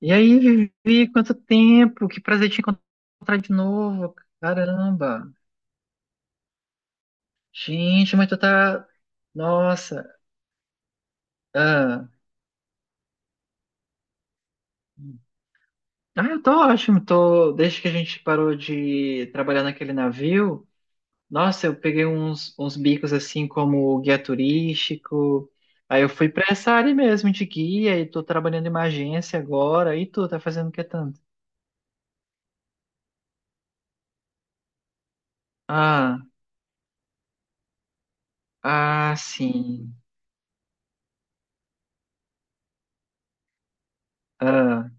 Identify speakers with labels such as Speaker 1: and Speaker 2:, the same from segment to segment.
Speaker 1: E aí, Vivi, quanto tempo? Que prazer te encontrar de novo. Caramba. Gente, mas tu tá. Nossa. Ah, eu tô ótimo. Tô... Desde que a gente parou de trabalhar naquele navio, nossa, eu peguei uns bicos assim como guia turístico. Aí eu fui pra essa área mesmo de guia e tô trabalhando em uma agência agora. E tu, tá fazendo o que tanto? Ah, ah, sim. Ah,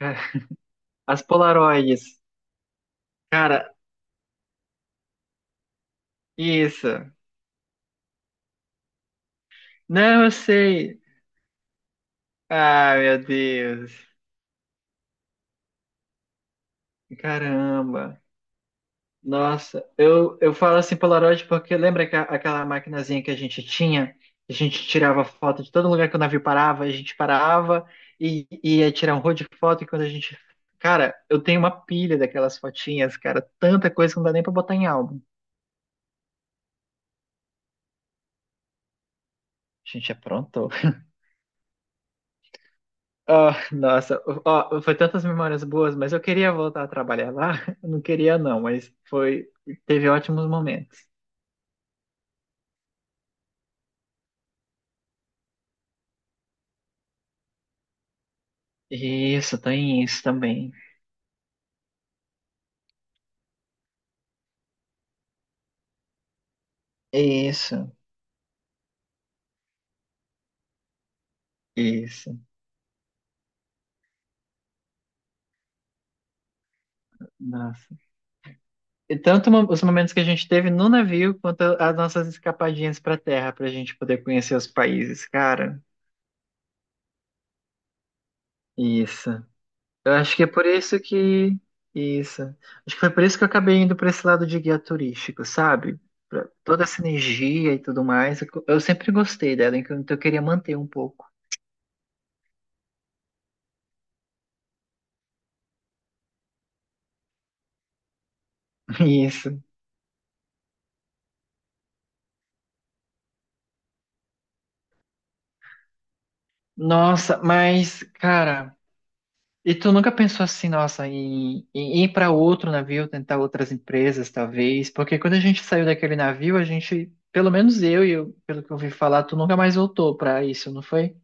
Speaker 1: as Polaroids. Cara, isso. Não, eu sei. Ah, meu Deus. Caramba. Nossa, eu falo assim Polaroid porque lembra aquela maquinazinha que a gente tinha? A gente tirava foto de todo lugar que o navio parava, a gente parava e ia tirar um rolo de foto e quando a gente... Cara, eu tenho uma pilha daquelas fotinhas, cara. Tanta coisa que não dá nem pra botar em álbum. A gente aprontou. Ah, nossa, ó, foi tantas memórias boas, mas eu queria voltar a trabalhar lá. Eu não queria não, mas foi, teve ótimos momentos. Isso, tem isso também. Isso, isso. Nossa. E tanto os momentos que a gente teve no navio, quanto as nossas escapadinhas para terra, para a gente poder conhecer os países, cara. Isso. Eu acho que é por isso que. Isso. Acho que foi por isso que eu acabei indo para esse lado de guia turístico, sabe? Pra toda essa energia e tudo mais. Eu sempre gostei dela, então eu queria manter um pouco. Isso. Nossa, mas, cara, e tu nunca pensou assim, nossa, em ir para outro navio, tentar outras empresas, talvez? Porque quando a gente saiu daquele navio, a gente, pelo menos eu, pelo que eu ouvi falar, tu nunca mais voltou para isso, não foi?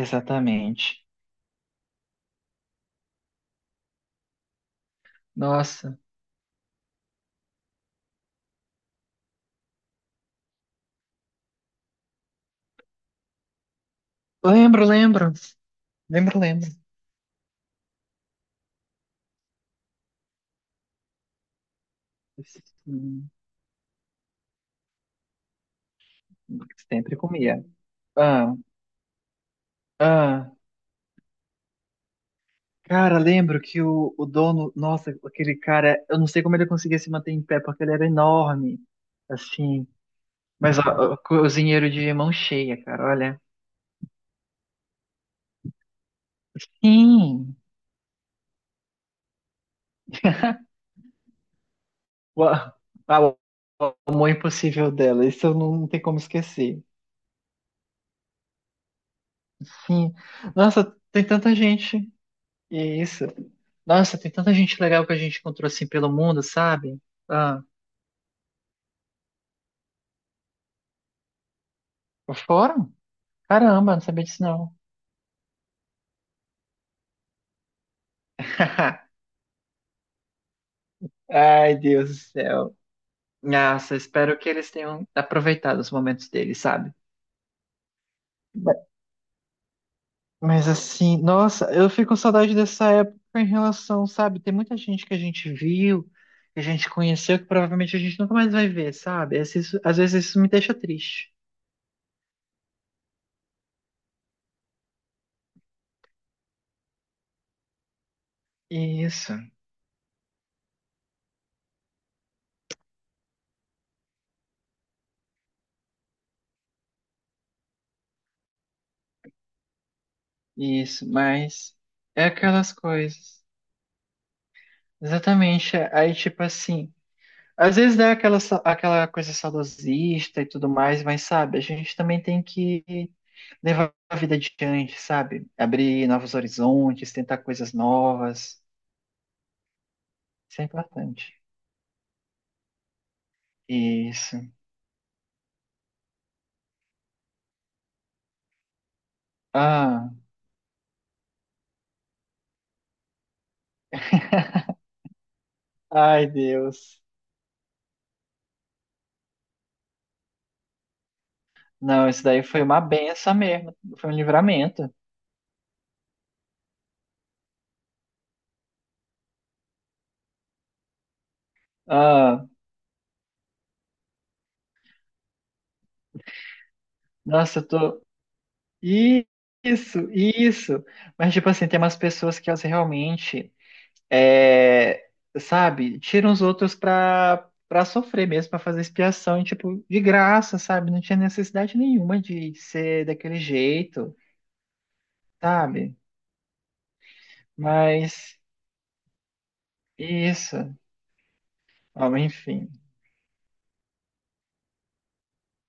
Speaker 1: Exatamente. Nossa. Lembro, lembro. Lembro, lembro. Hum, Sempre comia. Ah, ah. Cara, lembro que o dono, nossa, aquele cara, eu não sei como ele conseguia se manter em pé, porque ele era enorme, assim. Mas ó, ó, cozinheiro de mão cheia, cara, olha. Sim. O, a- a- o amor impossível dela, isso eu não, não tem como esquecer. Sim. Nossa, tem tanta gente. E é isso. Nossa, tem tanta gente legal que a gente encontrou assim pelo mundo, sabe? Ah, foram Caramba, não sabia disso não. Ai, Deus do céu. Nossa, espero que eles tenham aproveitado os momentos deles, sabe? Ma- Mas assim, nossa, eu fico com saudade dessa época em relação, sabe? Tem muita gente que a gente viu, que a gente conheceu, que provavelmente a gente nunca mais vai ver, sabe? Às vezes isso me deixa triste. Isso, isso, mas é aquelas coisas. Exatamente. Aí, tipo assim. Às vezes é aquela, aquela coisa saudosista e tudo mais, mas sabe, a gente também tem que levar a vida adiante, sabe? Abrir novos horizontes, tentar coisas novas. Isso é importante. Isso. Ah, ai, Deus. Não, isso daí foi uma benção mesmo. Foi um livramento. Ah, nossa, eu tô. Isso, isso. Mas, tipo assim, tem umas pessoas que elas realmente. É, sabe, tira os outros pra sofrer mesmo, pra fazer expiação, e, tipo, de graça, sabe? Não tinha necessidade nenhuma de ser daquele jeito, sabe? Mas isso, ó, enfim.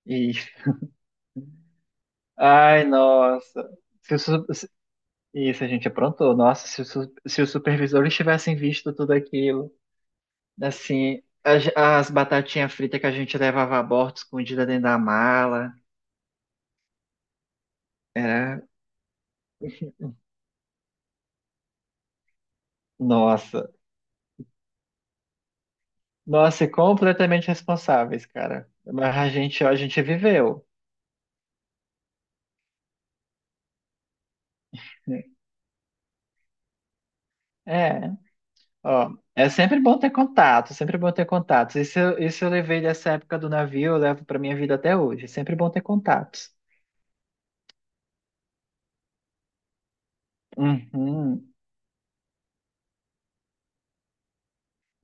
Speaker 1: Isso. Ai, nossa. Se o su- se- isso a gente aprontou. Nossa, se, se os supervisores tivessem visto tudo aquilo, assim, as batatinhas fritas que a gente levava a bordo escondida dentro da mala, era. Nossa. Nossa, e completamente responsáveis, cara. Mas a gente, ó, a gente viveu. Né? É, ó, é sempre bom ter contato, sempre bom ter contatos. Isso, isso eu levei dessa época do navio, eu levo pra minha vida até hoje. É sempre bom ter contatos. Uhum,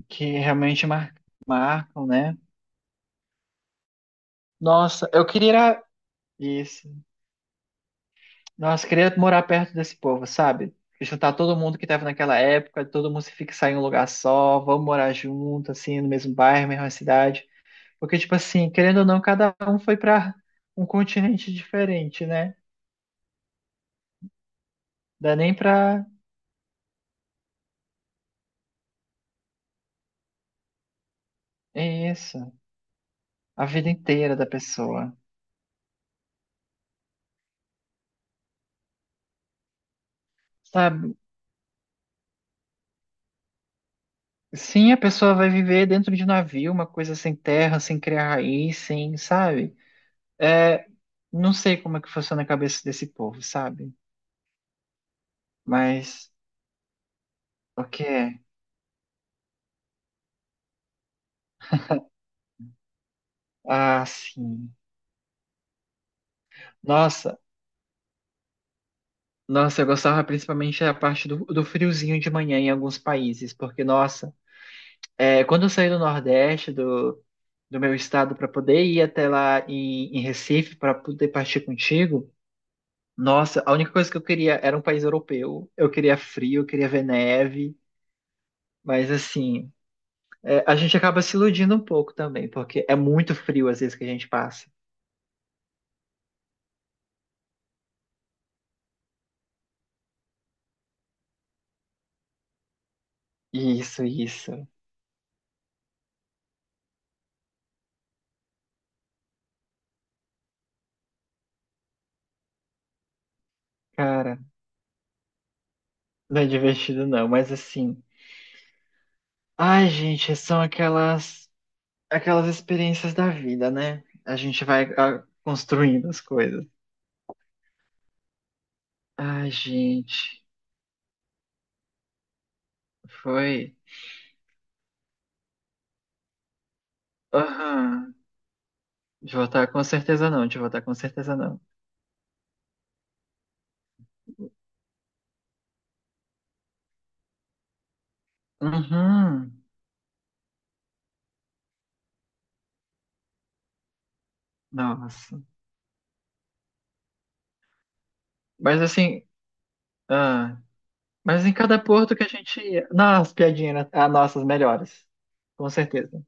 Speaker 1: que realmente marcam, né? Nossa, eu queria ir a- isso. Nossa, eu queria morar perto desse povo, sabe? Juntar todo mundo que tava naquela época, todo mundo se fixar em um lugar só, vamos morar junto, assim, no mesmo bairro, mesma cidade. Porque, tipo assim, querendo ou não, cada um foi pra um continente diferente, né? Dá nem pra. É isso. A vida inteira da pessoa. Sabe? Sim, a pessoa vai viver dentro de navio, uma coisa sem terra, sem criar raiz, sem, sabe? É, não sei como é que funciona a cabeça desse povo, sabe? Mas o que é? Ah, sim. Nossa, nossa, eu gostava principalmente da parte do friozinho de manhã em alguns países, porque, nossa, é, quando eu saí do Nordeste, do meu estado para poder ir até lá em Recife para poder partir contigo. Nossa, a única coisa que eu queria era um país europeu. Eu queria frio, eu queria ver neve, mas assim, é, a gente acaba se iludindo um pouco também, porque é muito frio às vezes que a gente passa. Isso, isso. Cara, não é divertido não, mas assim, ai, gente, são aquelas experiências da vida, né? A gente vai ah, construindo as coisas. Ai, gente, foi. Aham. De votar com certeza não, de votar com certeza não. Uhum. Nossa. Mas assim, ah, mas em cada porto que a gente ia. Nossa, piadinha, né? Ah, nossas melhores. Com certeza.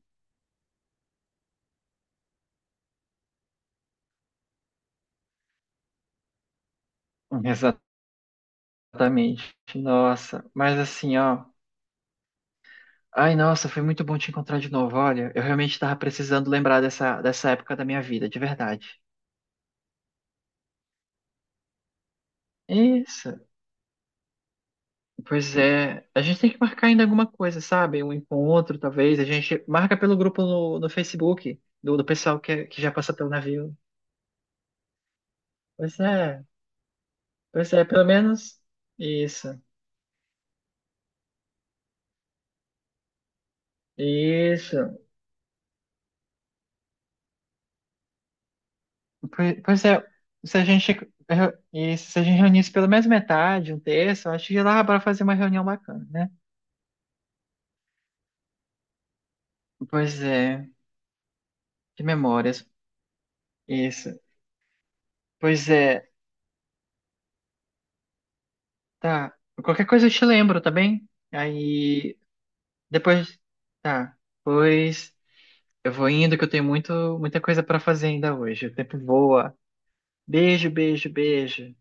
Speaker 1: Exatamente. Nossa. Mas assim, ó. Ai, nossa, foi muito bom te encontrar de novo. Olha, eu realmente tava precisando lembrar dessa época da minha vida, de verdade. Isso. Pois é, a gente tem que marcar ainda alguma coisa, sabe? Um encontro, talvez. A gente marca pelo grupo no Facebook do pessoal que já passou pelo navio. Pois é, pois é, pelo menos isso, isso. Pois é, se a gente, eh, isso, se a gente reunisse pelo menos metade, um terço, acho que lá para fazer uma reunião bacana, né? Pois é, que memórias. Isso. Pois é, tá. Qualquer coisa eu te lembro, tá bem? Aí, depois, tá. Pois. Eu vou indo que eu tenho muito, muita coisa para fazer ainda hoje. O tempo voa. Beijo, beijo, beijo.